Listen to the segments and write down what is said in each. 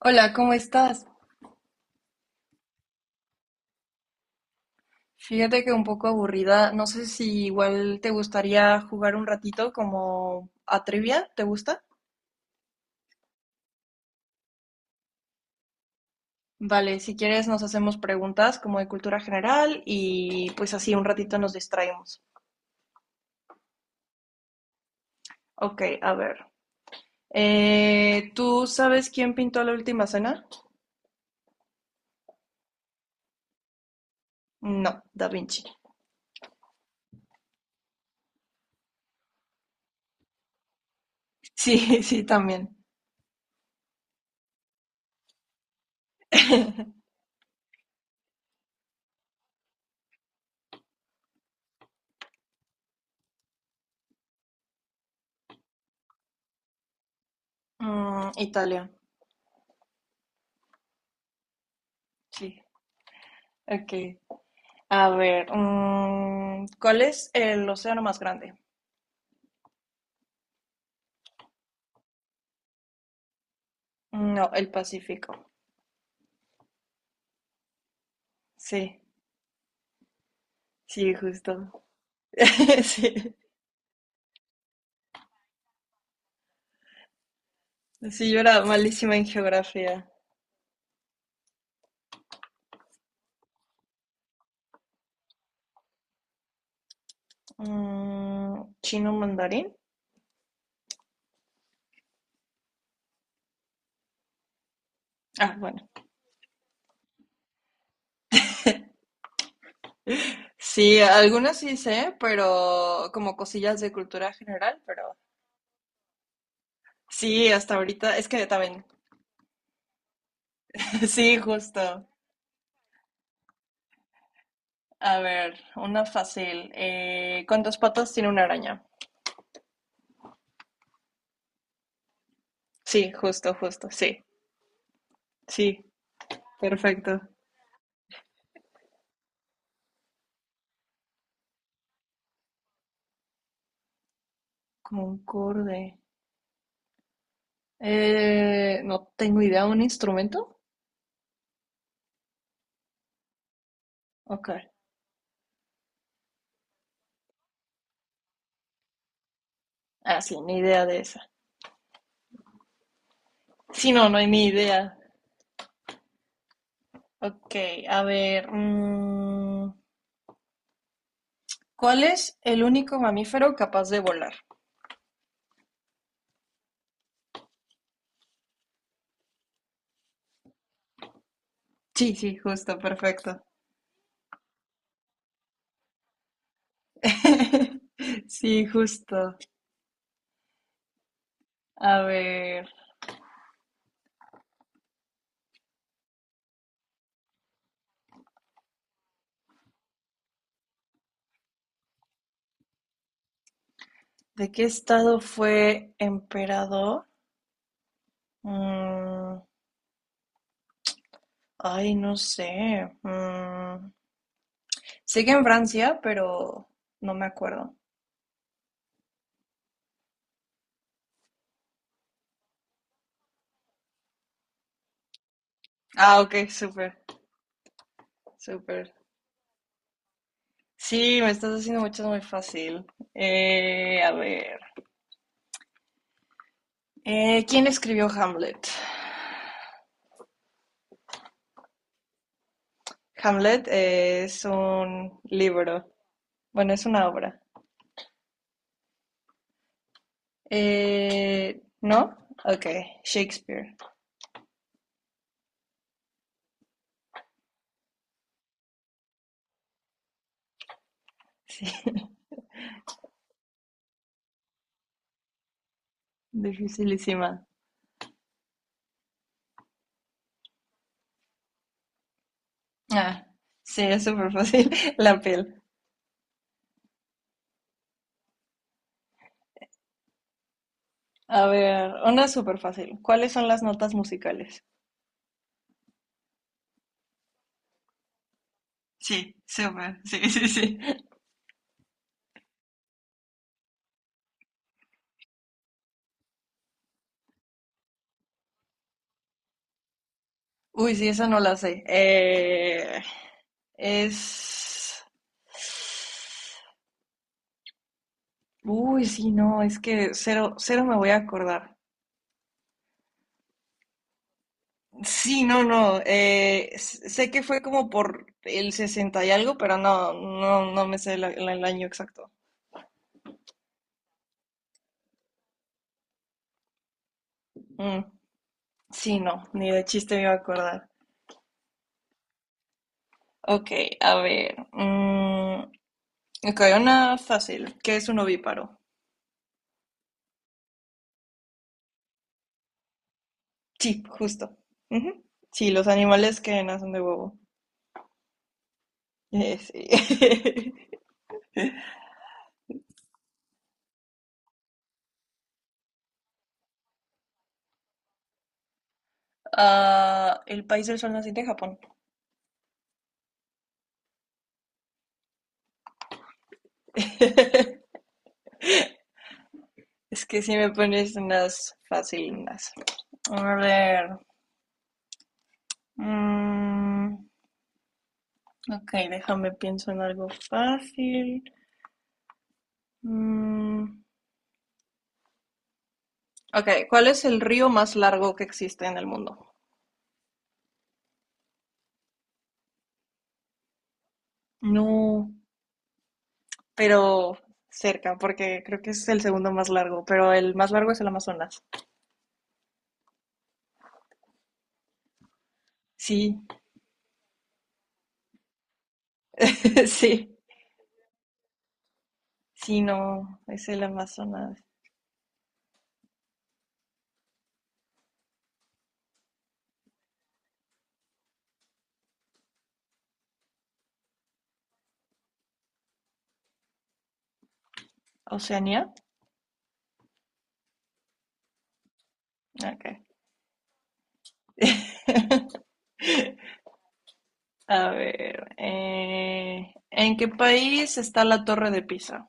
Hola, ¿cómo estás? Fíjate que un poco aburrida. No sé si igual te gustaría jugar un ratito como a trivia, ¿te gusta? Vale, si quieres nos hacemos preguntas como de cultura general y pues así un ratito nos distraemos. Ok, a ver. ¿Tú sabes quién pintó la última cena? No, Da Vinci. Sí, sí, también. Italia, sí. Ok. A ver, ¿cuál es el océano más grande? No, el Pacífico. Sí, sí, justo. Sí. Sí, yo era malísima en geografía. ¿Chino mandarín? Ah, bueno. Sí, algunas sí sé, pero como cosillas de cultura general, pero sí, hasta ahorita es que también. Sí, justo. A ver, una fácil. ¿Cuántas patas tiene una araña? Sí, justo, justo, sí. Sí, perfecto. Concorde. No tengo idea, ¿un instrumento? Ok. Ah, sí, ni idea de esa. Sí, no, no hay ni idea. Ok, a ver. ¿Cuál es el único mamífero capaz de volar? Sí, sí, justo, perfecto. Sí, justo. A ver, ¿de qué estado fue emperador? Mm, ay, no sé. Sé que en Francia, pero no me acuerdo. Ah, ok, súper, súper. Sí, me estás haciendo muchas muy fácil. A ver. ¿Quién escribió Hamlet? Hamlet es un libro. Bueno, es una obra. ¿No? Ok, Shakespeare. Sí, dificilísima. Ah, sí, es súper fácil. La piel. A ver, una súper fácil. ¿Cuáles son las notas musicales? Sí, súper. Sí, sí, sí. Uy, sí, esa no la sé. Es... Uy, sí, no, es que cero, cero me voy a acordar. Sí, no, no. Sé que fue como por el 60 y algo, pero no, no, no me sé el año exacto. Mm, sí, no, ni de chiste me iba a acordar. Ok, a ver. Ok, una fácil. ¿Qué es un ovíparo? Sí, justo. Ujú. Sí, los animales que nacen de huevo. Sí. Ah, el país del sol naciente, Japón. Es que si me pones unas facilinas. A ver. mm, ok, déjame pienso en algo fácil. Mm, Ok, ¿cuál es el río más largo que existe en el mundo? No. Pero cerca, porque creo que es el segundo más largo, pero el más largo es el Amazonas. Sí, Sí, sí, no. Es el Amazonas. ¿Oceanía? Ok. A ver, ¿en qué país está la Torre de Pisa?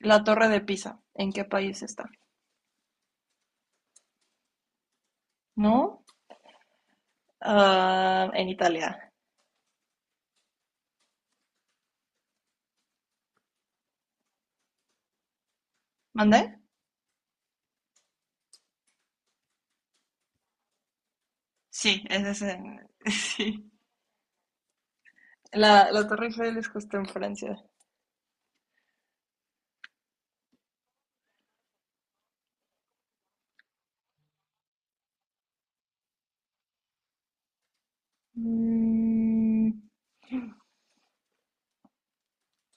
La Torre de Pisa, ¿en qué país está? ¿No? Ah, en Italia. ¿Mandé? Sí, Sí. La Torre Eiffel es justo en Francia. Mm,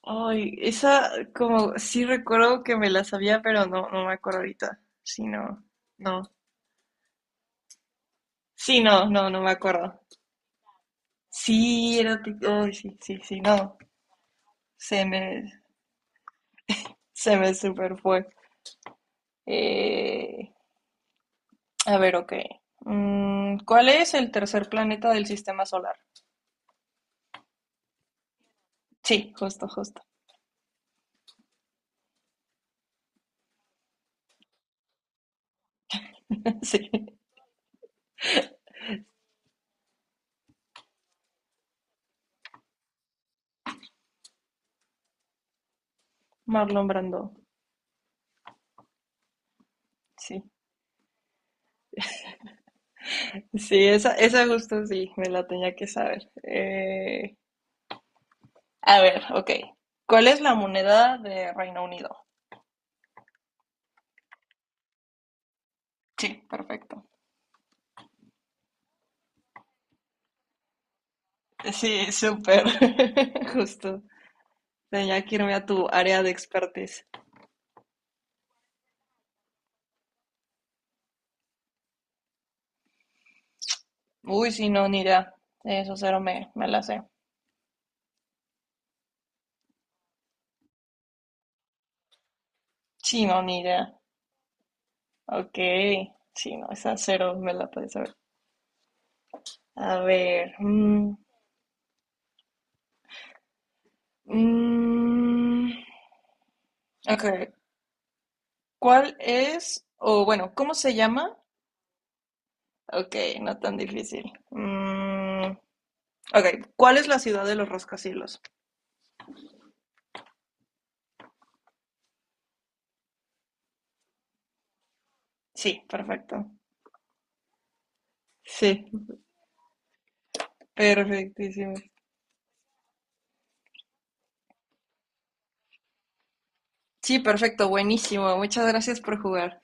ay, esa como sí recuerdo que me la sabía, pero no, no me acuerdo ahorita. Sí, no, no. Sí, no, no, no me acuerdo. Sí, ay, sí, sí, sí, no. Se me, Se me super fue. Eh, a ver, ok. ¿Cuál es el tercer planeta del sistema solar? Sí, justo, justo. Sí, Marlon Brando. Sí, sí, esa justo sí, me la tenía que saber. A ver, ok. ¿Cuál es la moneda de Reino Unido? Sí, perfecto. Sí, súper. Justo. Tenía que irme a tu área de expertise. Uy, sí, no, ni idea. Eso cero me la sé. Sí, no, ni idea. Ok, sí, no, esa cero me la puedes saber. A ver, mm, ok, ¿cuál es, o bueno, cómo se llama? Ok, no tan difícil. Ok, ¿cuál es la ciudad de los rascacielos? Sí, perfecto. Sí, perfectísimo. Sí, perfecto, buenísimo. Muchas gracias por jugar.